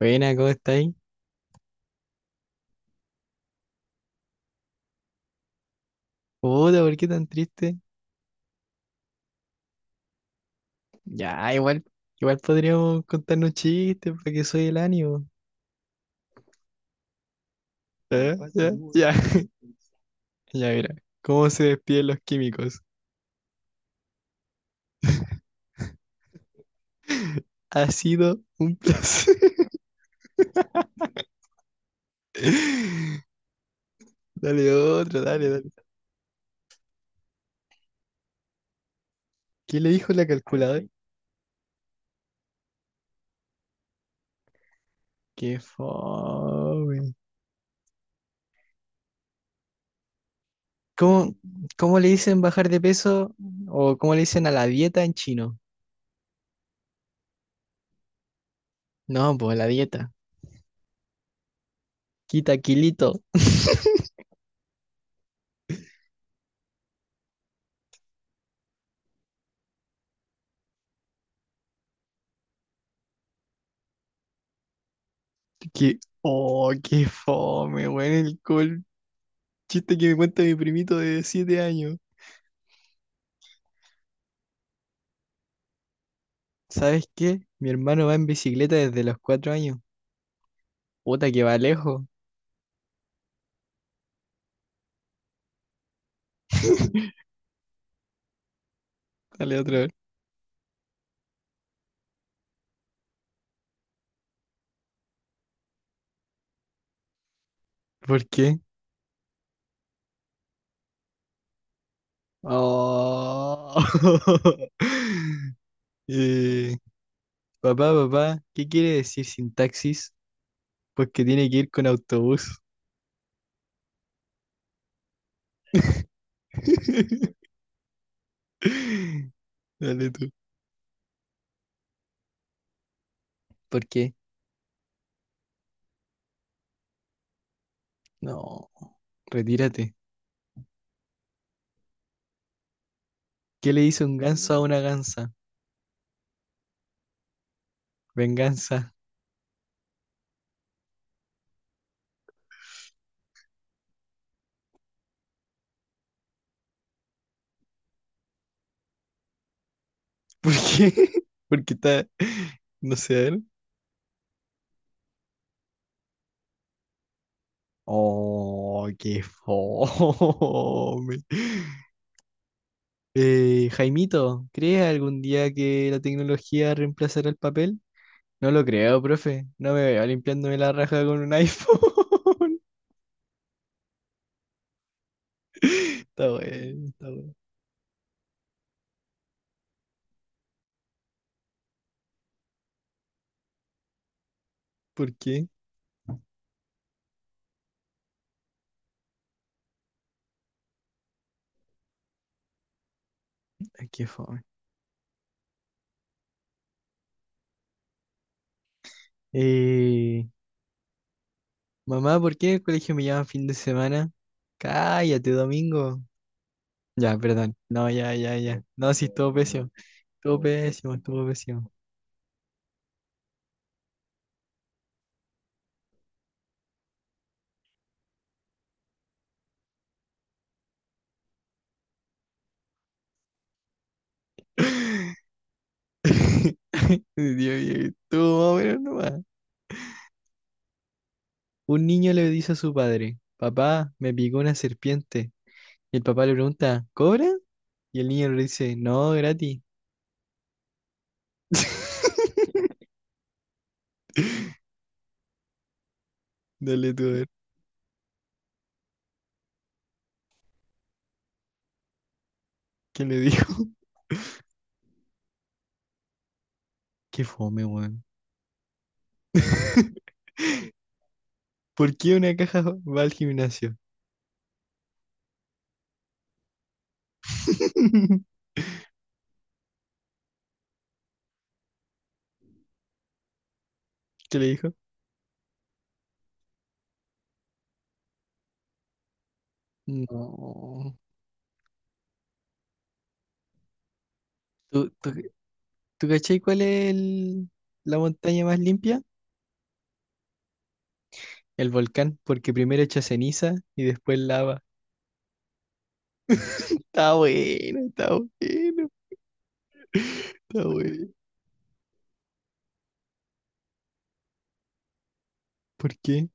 Buena, ¿cómo estáis? Puta, ¿por qué tan triste? Ya, igual, igual podríamos contarnos chistes para que soy el ánimo. Ya, ¿eh? Ya, ya, ya, mira. ¿Cómo se despiden los químicos? Ha sido un placer. Dale otro, dale, dale. ¿Qué le dijo la calculadora? Qué fome. ¿Cómo, cómo le dicen bajar de peso o cómo le dicen a la dieta en chino? No, pues la dieta. Quita kilito. Que, oh, qué fome, weón, el colpo. Chiste que me cuenta mi primito de siete años. ¿Sabes qué? Mi hermano va en bicicleta desde los cuatro años. Puta que va lejos. Dale otra vez. ¿Por qué? Oh. Eh, papá, papá, ¿qué quiere decir sin taxis? Pues que tiene que ir con autobús. Dale tú. ¿Por qué? No. Retírate. ¿Qué le hizo un ganso a una gansa? Venganza. ¿Por qué? Porque está. No sé, a ver. Oh, qué fome. Jaimito, ¿crees algún día que la tecnología reemplazará el papel? No lo creo, profe. No me veo limpiándome la raja con un iPhone. Está bueno, está bueno. ¿Por qué? Ay, qué fome. Eh, mamá, ¿por qué en el colegio me llaman fin de semana? Cállate, domingo. Ya, perdón. No, ya, ya, ya. No, sí, estuvo pésimo. Estuvo pésimo, estuvo pésimo. Dios mío, estuvo más o menos nomás. Un niño le dice a su padre, papá, me picó una serpiente. Y el papá le pregunta, ¿cobra? Y el niño le dice, no, gratis. Dale tú a ver, ¿qué le dijo? Qué fome, weón. ¿Por qué una caja va al gimnasio? ¿Qué le dijo? No. ¿Tú, tú, tú cachai cuál es la montaña más limpia? El volcán, porque primero echa ceniza y después lava. Está bueno, está bueno. Está bueno. ¿Por qué?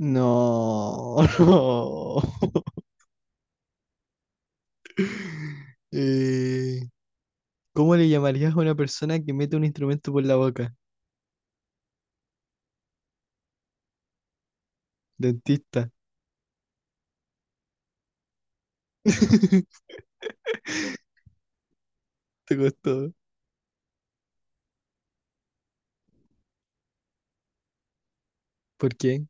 No, no. Eh, ¿Cómo le llamarías a una persona que mete un instrumento por la boca? Dentista. Te costó. ¿Por qué?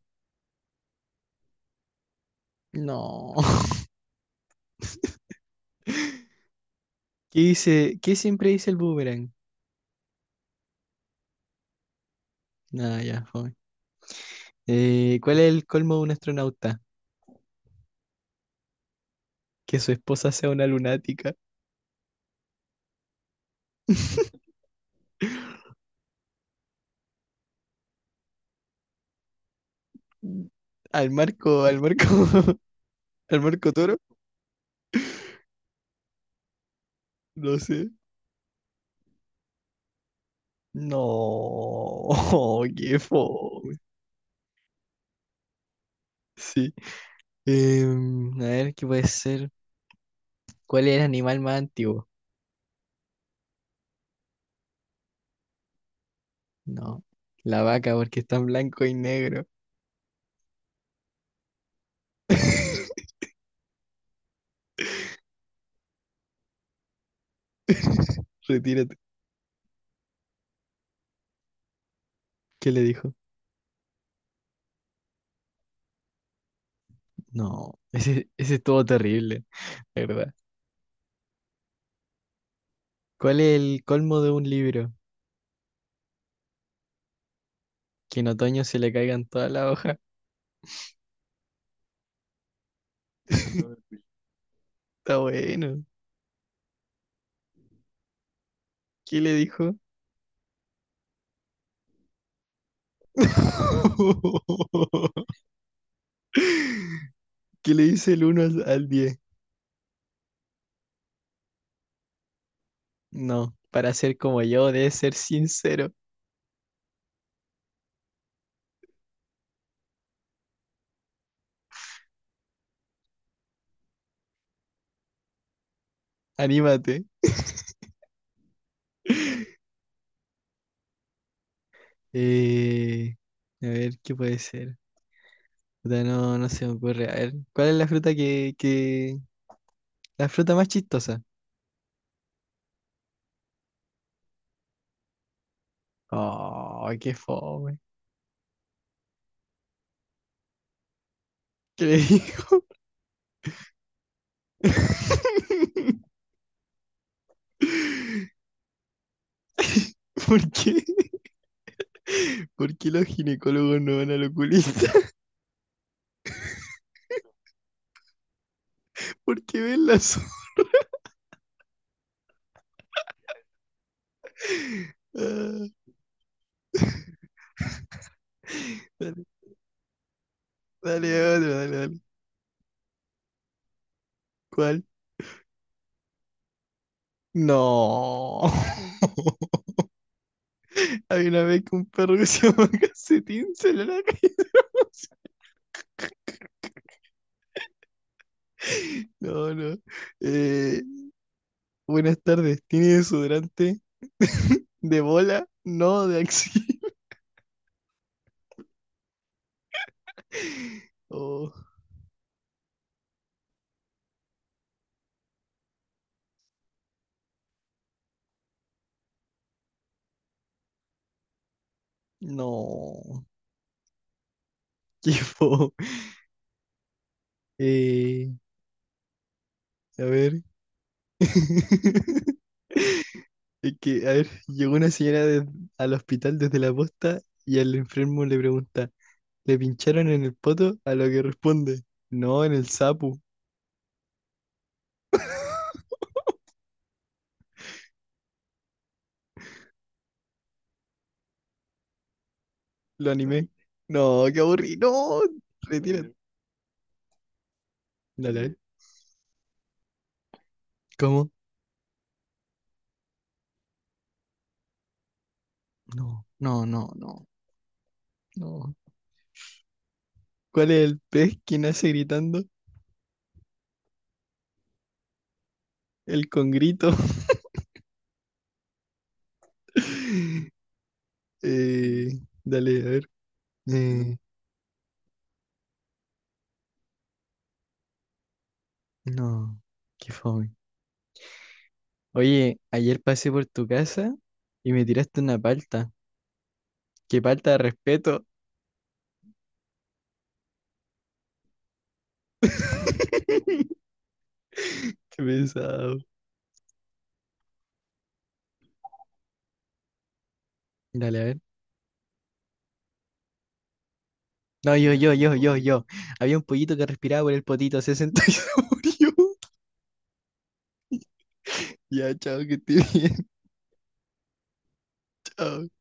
No. ¿Qué dice? ¿Qué siempre dice el boomerang? Nada, ya, fue. ¿Cuál es el colmo de un astronauta? Que su esposa sea una lunática. Al marco, al marco. ¿El Marco Toro? No sé. No, qué fome. Sí. Em, a ver, ¿qué puede ser? ¿Cuál es el animal más antiguo? No, la vaca, porque está en blanco y negro. Retírate. ¿Qué le dijo? No, ese estuvo terrible, la ¿verdad? ¿Cuál es el colmo de un libro? Que en otoño se le caigan todas las hojas. Está bueno. ¿Qué le dijo? ¿Qué le dice el uno al diez? No, para ser como yo, debes ser sincero. Anímate. Eh, a ver, ¿qué puede ser? Puta, no, no se me ocurre. A ver, ¿cuál es la fruta que... la fruta más chistosa? Oh, qué fome. ¿Qué le digo? ¿Por qué? ¿Por qué los ginecólogos no van al oculista? ¿Por qué ven las... Ah, dale, dale, otro, dale, dale. ¿Cuál? No. Había una vez que un perro que se llama Calcetín salió a la calle. No, no. Eh, buenas tardes. ¿Tiene desodorante? ¿De bola? No, de axi. Oh, no. Qué fo. Eh, a ver. Es que, a ver, llegó una señora de- al hospital desde la posta y al enfermo le pregunta, ¿le pincharon en el poto? A lo que responde, no, en el sapu. Lo animé. No, qué aburrido. No, retírate. Dale, a ver. ¿Cómo? No, no, no, no, no. ¿Cuál es el pez que nace gritando? El congrito. Dale, a ver. Eh, no, qué fome. Oye, ayer pasé por tu casa y me tiraste una palta. Qué palta de respeto. Qué pesado. Dale, a ver. No, yo. Había un pollito que respiraba por el potito, se sentó y se murió. Ya, chao, que te bien. uh,